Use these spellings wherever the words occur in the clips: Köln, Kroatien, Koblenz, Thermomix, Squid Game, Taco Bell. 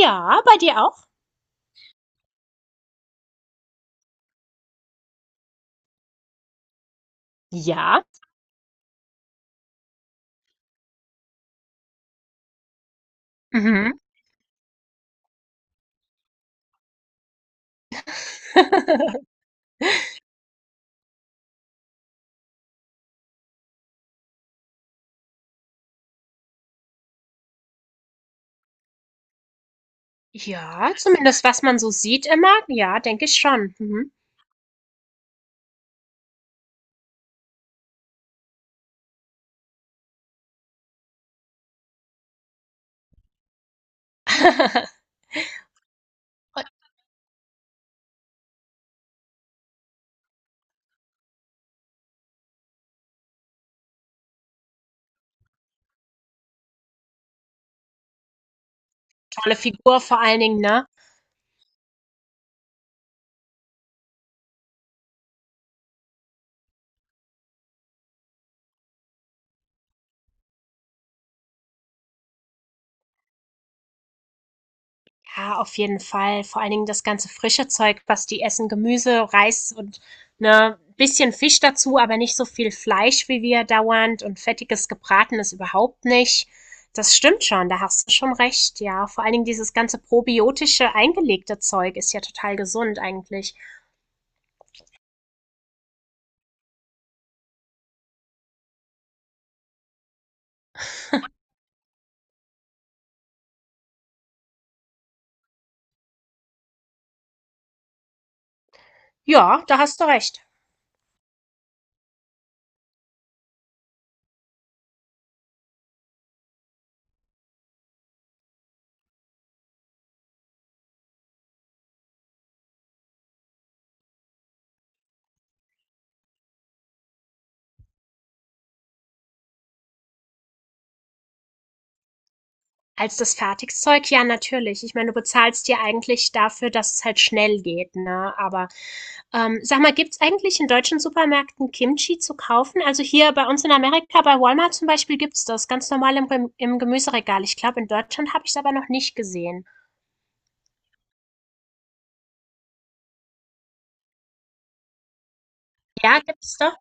Ja, bei dir auch? Ja. Mhm. Ja, zumindest was man so sieht immer. Ja, denke ich schon. Mhm. Und tolle Figur vor allen Dingen, ne? Ja, auf jeden Fall. Vor allen Dingen das ganze frische Zeug, was die essen. Gemüse, Reis und ne, bisschen Fisch dazu, aber nicht so viel Fleisch wie wir dauernd und fettiges Gebratenes überhaupt nicht. Das stimmt schon, da hast du schon recht, ja. Vor allen Dingen dieses ganze probiotische eingelegte Zeug ist ja total gesund eigentlich. Ja, da hast du recht. Als das Fertigzeug, ja, natürlich. Ich meine, du bezahlst dir eigentlich dafür, dass es halt schnell geht, ne? Aber sag mal, gibt's eigentlich in deutschen Supermärkten Kimchi zu kaufen? Also hier bei uns in Amerika, bei Walmart zum Beispiel, gibt's das ganz normal im, im Gemüseregal. Ich glaube, in Deutschland habe ich es aber noch nicht gesehen. Ja, gibt's doch.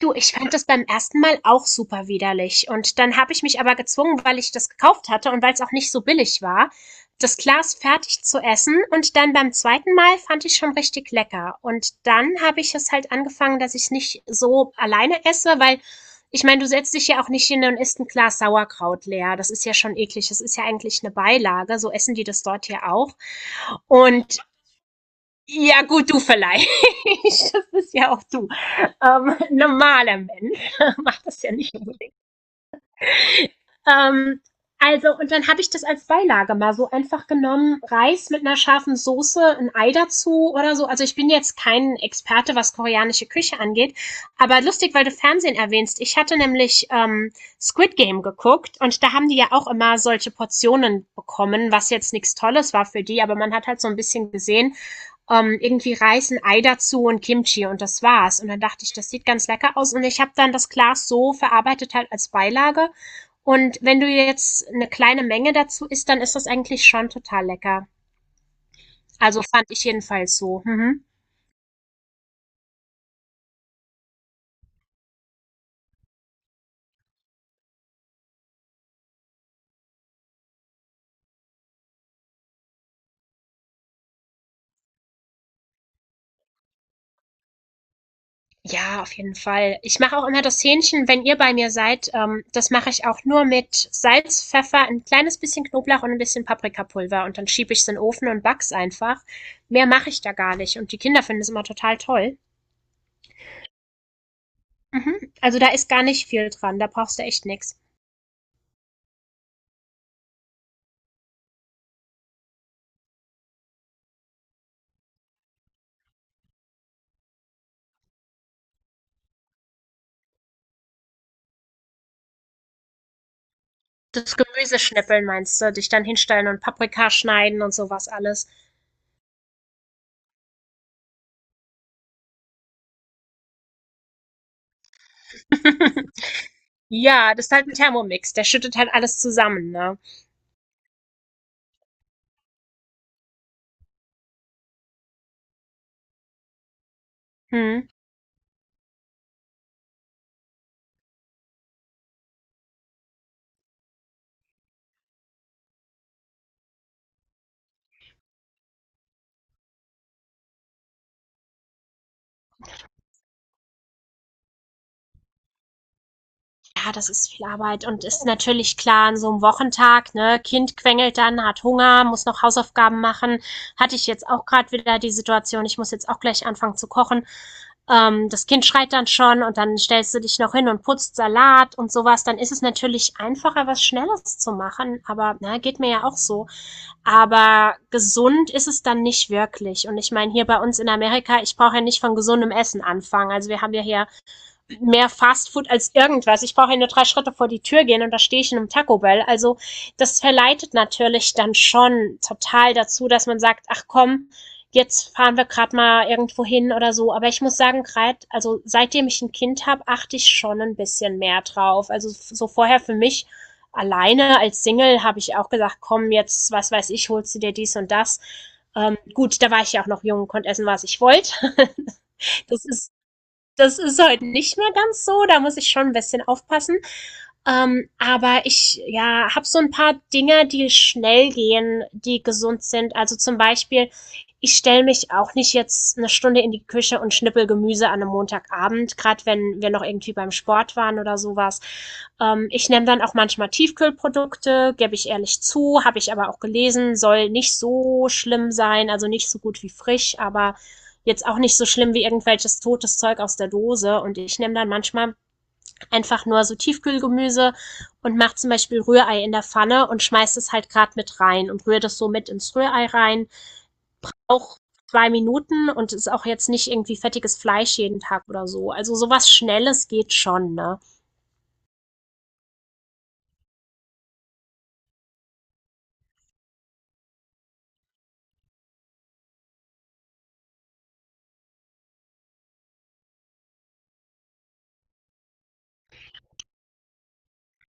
Du, ich fand das beim ersten Mal auch super widerlich. Und dann habe ich mich aber gezwungen, weil ich das gekauft hatte und weil es auch nicht so billig war, das Glas fertig zu essen. Und dann beim zweiten Mal fand ich schon richtig lecker. Und dann habe ich es halt angefangen, dass ich es nicht so alleine esse, weil ich meine, du setzt dich ja auch nicht hin und isst ein Glas Sauerkraut leer. Das ist ja schon eklig. Das ist ja eigentlich eine Beilage. So essen die das dort ja auch. Und ja, gut, du vielleicht. Das bist ja auch du. Normaler Mensch macht das ja nicht unbedingt. Ähm, also, und dann habe ich das als Beilage mal so einfach genommen. Reis mit einer scharfen Soße, ein Ei dazu oder so. Also, ich bin jetzt kein Experte, was koreanische Küche angeht. Aber lustig, weil du Fernsehen erwähnst. Ich hatte nämlich Squid Game geguckt und da haben die ja auch immer solche Portionen bekommen, was jetzt nichts Tolles war für die. Aber man hat halt so ein bisschen gesehen, irgendwie Reis, ein Ei dazu und Kimchi und das war's. Und dann dachte ich, das sieht ganz lecker aus. Und ich habe dann das Glas so verarbeitet halt als Beilage. Und wenn du jetzt eine kleine Menge dazu isst, dann ist das eigentlich schon total lecker. Also fand ich jedenfalls so. Mhm. Ja, auf jeden Fall. Ich mache auch immer das Hähnchen, wenn ihr bei mir seid. Das mache ich auch nur mit Salz, Pfeffer, ein kleines bisschen Knoblauch und ein bisschen Paprikapulver. Und dann schiebe ich es in den Ofen und back's einfach. Mehr mache ich da gar nicht. Und die Kinder finden es immer total toll. Mhm. Also da ist gar nicht viel dran, da brauchst du echt nix. Das Gemüse schnippeln meinst du, dich dann hinstellen und Paprika schneiden und sowas alles. Ja, das ist halt 'n Thermomix, der schüttet halt alles zusammen, ne? Mhm. Ja, das ist viel Arbeit und ist natürlich klar an so einem Wochentag, ne? Kind quengelt dann, hat Hunger, muss noch Hausaufgaben machen. Hatte ich jetzt auch gerade wieder die Situation, ich muss jetzt auch gleich anfangen zu kochen. Das Kind schreit dann schon und dann stellst du dich noch hin und putzt Salat und sowas. Dann ist es natürlich einfacher, was Schnelles zu machen, aber ne, geht mir ja auch so. Aber gesund ist es dann nicht wirklich. Und ich meine, hier bei uns in Amerika, ich brauche ja nicht von gesundem Essen anfangen. Also, wir haben ja hier mehr Fast Food als irgendwas. Ich brauche ja nur drei Schritte vor die Tür gehen und da stehe ich in einem Taco Bell. Also das verleitet natürlich dann schon total dazu, dass man sagt, ach komm, jetzt fahren wir gerade mal irgendwo hin oder so. Aber ich muss sagen, gerade, also seitdem ich ein Kind habe, achte ich schon ein bisschen mehr drauf. Also so vorher für mich alleine als Single habe ich auch gesagt, komm, jetzt, was weiß ich, holst du dir dies und das. Gut, da war ich ja auch noch jung und konnte essen, was ich wollte. Das ist das ist heute nicht mehr ganz so. Da muss ich schon ein bisschen aufpassen. Aber ich ja, habe so ein paar Dinge, die schnell gehen, die gesund sind. Also zum Beispiel, ich stelle mich auch nicht jetzt eine Stunde in die Küche und schnippel Gemüse an einem Montagabend, gerade wenn wir noch irgendwie beim Sport waren oder sowas. Ich nehme dann auch manchmal Tiefkühlprodukte, gebe ich ehrlich zu, habe ich aber auch gelesen, soll nicht so schlimm sein, also nicht so gut wie frisch, aber jetzt auch nicht so schlimm wie irgendwelches totes Zeug aus der Dose. Und ich nehme dann manchmal einfach nur so Tiefkühlgemüse und mache zum Beispiel Rührei in der Pfanne und schmeiß es halt gerade mit rein und rühre das so mit ins Rührei rein. Auch zwei Minuten und ist auch jetzt nicht irgendwie fettiges Fleisch jeden Tag oder so. Also sowas Schnelles geht schon, ne?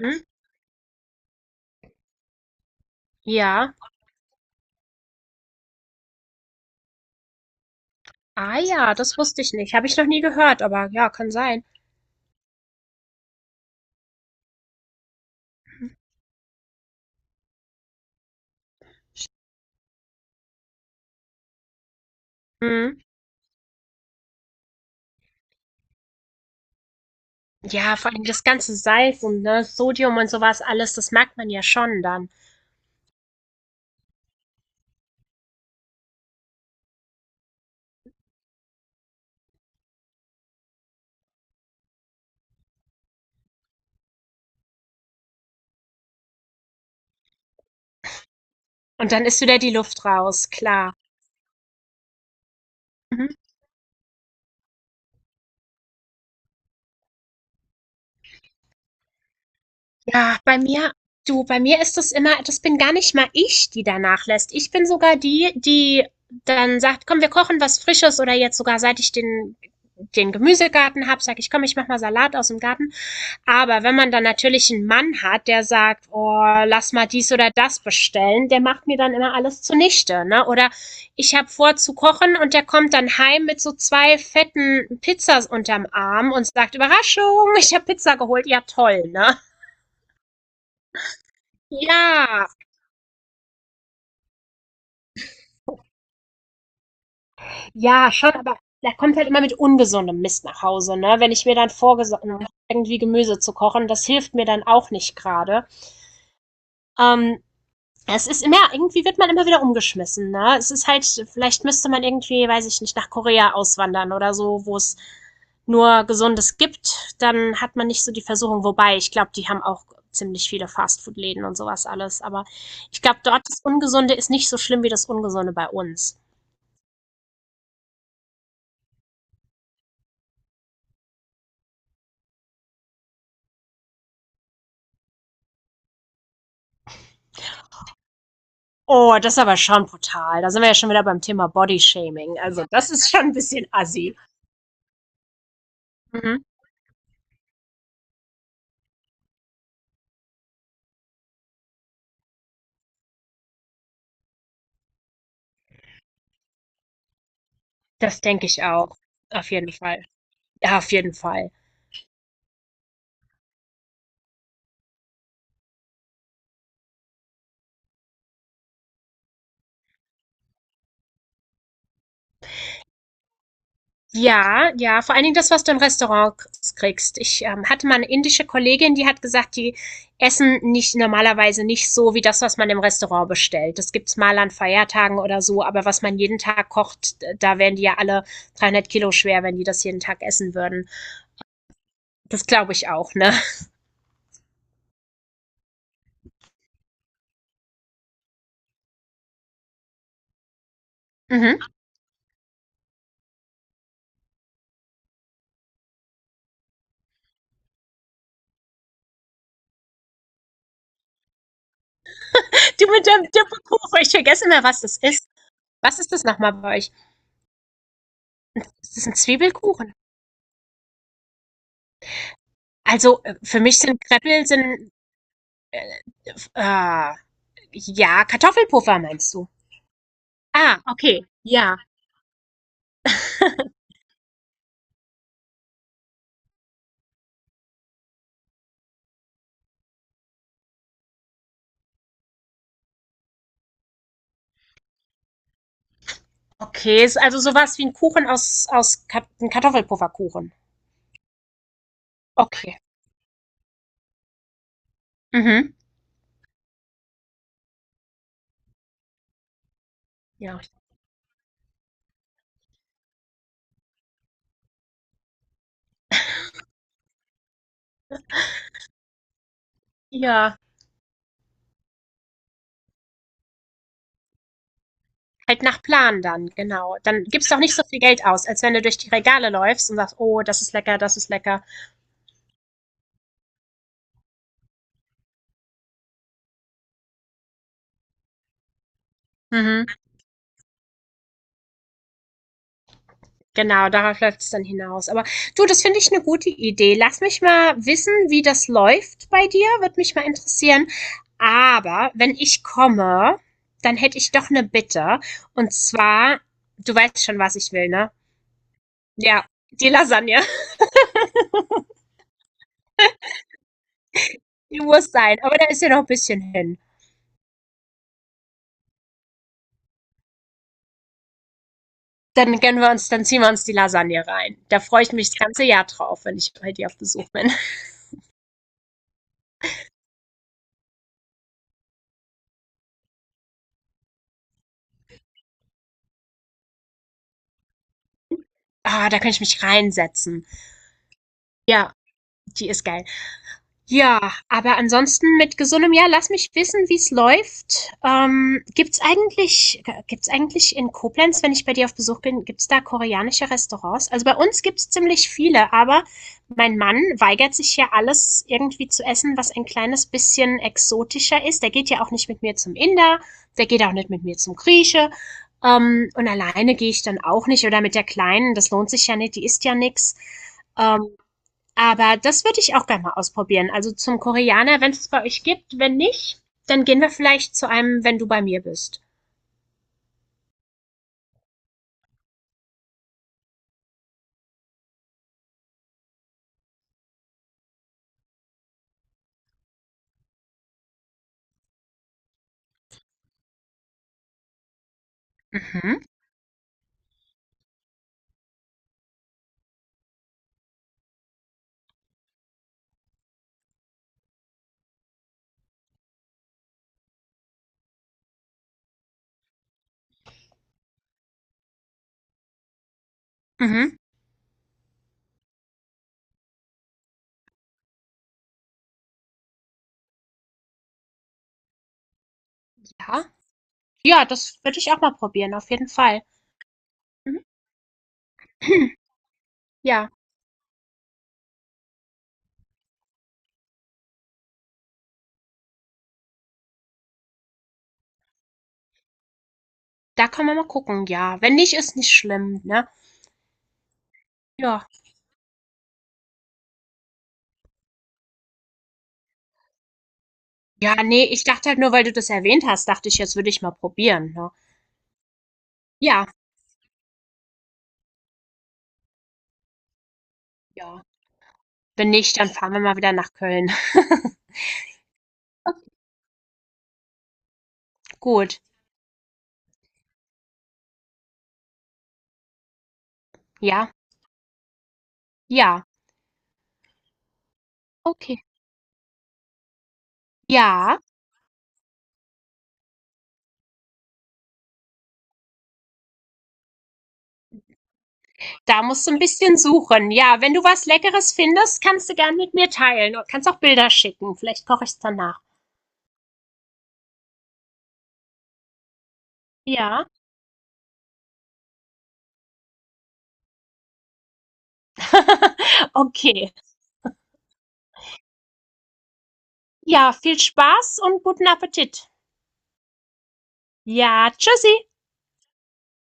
Hm? Ja. Ah ja, das wusste ich nicht. Habe ich noch nie gehört, aber ja, kann sein. Hm. Ja, vor allem das ganze Salz und ne, Sodium und sowas alles, das merkt man ja schon dann. Und dann ist wieder die Luft raus, klar. Mhm. Ja, bei mir, du, bei mir ist das immer, das bin gar nicht mal ich, die danach lässt. Ich bin sogar die, die dann sagt, komm, wir kochen was Frisches oder jetzt sogar, seit ich den, den Gemüsegarten habe, sage ich, komm, ich mach mal Salat aus dem Garten. Aber wenn man dann natürlich einen Mann hat, der sagt, oh, lass mal dies oder das bestellen, der macht mir dann immer alles zunichte. Ne? Oder ich habe vor zu kochen und der kommt dann heim mit so zwei fetten Pizzas unterm Arm und sagt, Überraschung, ich habe Pizza geholt. Ja, toll, ne? Ja, ja, schon, aber der kommt halt immer mit ungesundem Mist nach Hause, ne? Wenn ich mir dann vorgesonnen habe, irgendwie Gemüse zu kochen, das hilft mir dann auch nicht gerade. Ähm, Es ist immer, irgendwie wird man immer wieder umgeschmissen, ne? Es ist halt, vielleicht müsste man irgendwie, weiß ich nicht, nach Korea auswandern oder so, wo es nur Gesundes gibt, dann hat man nicht so die Versuchung. Wobei, ich glaube, die haben auch ziemlich viele Fastfood-Läden und sowas alles. Aber ich glaube, dort das Ungesunde ist nicht so schlimm wie das Ungesunde bei uns. Oh, das ist aber schon brutal. Da sind wir ja schon wieder beim Thema Bodyshaming. Also, das ist schon ein bisschen assi. Mhm. Das denke ich auch. Auf jeden Fall. Ja, auf jeden Fall. Ja, ja, vor allen Dingen das, was du im Restaurant k kriegst. Ich, hatte mal eine indische Kollegin, die hat gesagt, die essen nicht normalerweise nicht so wie das, was man im Restaurant bestellt. Das gibt's mal an Feiertagen oder so, aber was man jeden Tag kocht, da wären die ja alle 300 Kilo schwer, wenn die das jeden Tag essen würden. Das glaube ich auch, ne? Mhm. Du mit dem Dippekuchen, ich vergesse immer, was das ist. Was ist das nochmal bei euch? Ist das ein Zwiebelkuchen? Also, für mich sind Kreppel äh, ah, ja, Kartoffelpuffer meinst du? Ah, okay, ja. Okay, ist also so was wie ein Kuchen aus Kat 'n Kartoffelpufferkuchen. Okay. Mhm. Ja. Ja, halt nach Plan dann, genau. Dann gibst du auch nicht so viel Geld aus, als wenn du durch die Regale läufst und sagst: „Oh, das ist lecker, das ist lecker.“ Mhm. Genau, darauf läuft es dann hinaus. Aber du, das finde ich eine gute Idee. Lass mich mal wissen, wie das läuft bei dir. Würde mich mal interessieren. Aber wenn ich komme, dann hätte ich doch eine Bitte. Und zwar, du weißt schon, was ich will, ne? Ja, die Lasagne. Die muss sein. Aber da ist ja noch ein bisschen hin. Dann gönnen wir uns, dann ziehen wir uns die Lasagne rein. Da freue ich mich das ganze Jahr drauf, wenn ich bei dir auf Besuch bin. Ah, da kann ich mich reinsetzen. Ja, die ist geil. Ja, aber ansonsten mit gesundem Jahr. Lass mich wissen, wie's läuft. Gibt's eigentlich, gibt's eigentlich in Koblenz, wenn ich bei dir auf Besuch bin, gibt's da koreanische Restaurants? Also bei uns gibt's ziemlich viele, aber mein Mann weigert sich ja alles irgendwie zu essen, was ein kleines bisschen exotischer ist. Der geht ja auch nicht mit mir zum Inder, der geht auch nicht mit mir zum Grieche. Und alleine gehe ich dann auch nicht oder mit der Kleinen, das lohnt sich ja nicht, die isst ja nix. Ähm, aber das würde ich auch gerne mal ausprobieren. Also zum Koreaner, wenn es bei euch gibt. Wenn nicht, dann gehen wir vielleicht zu einem, wenn du bei mir bist. Mhm. Mhm. Ja. Ja, das würde ich auch mal probieren, auf jeden Fall. Mhm. Ja, da kann man mal gucken, ja. Wenn nicht, ist nicht schlimm, ne? Ja. Ja, nee, ich dachte halt nur, weil du das erwähnt hast, dachte ich, jetzt würde ich mal probieren, ne? Ja, ja. Wenn nicht, dann fahren wir mal wieder nach Köln. Gut. Ja. Ja. Okay. Ja. Da musst du ein bisschen suchen. Ja, wenn du was Leckeres findest, kannst du gern mit mir teilen und kannst auch Bilder schicken. Vielleicht koche ich's dann nach. Ja? Okay. Ja, viel Spaß und guten Appetit. Ja, tschüssi.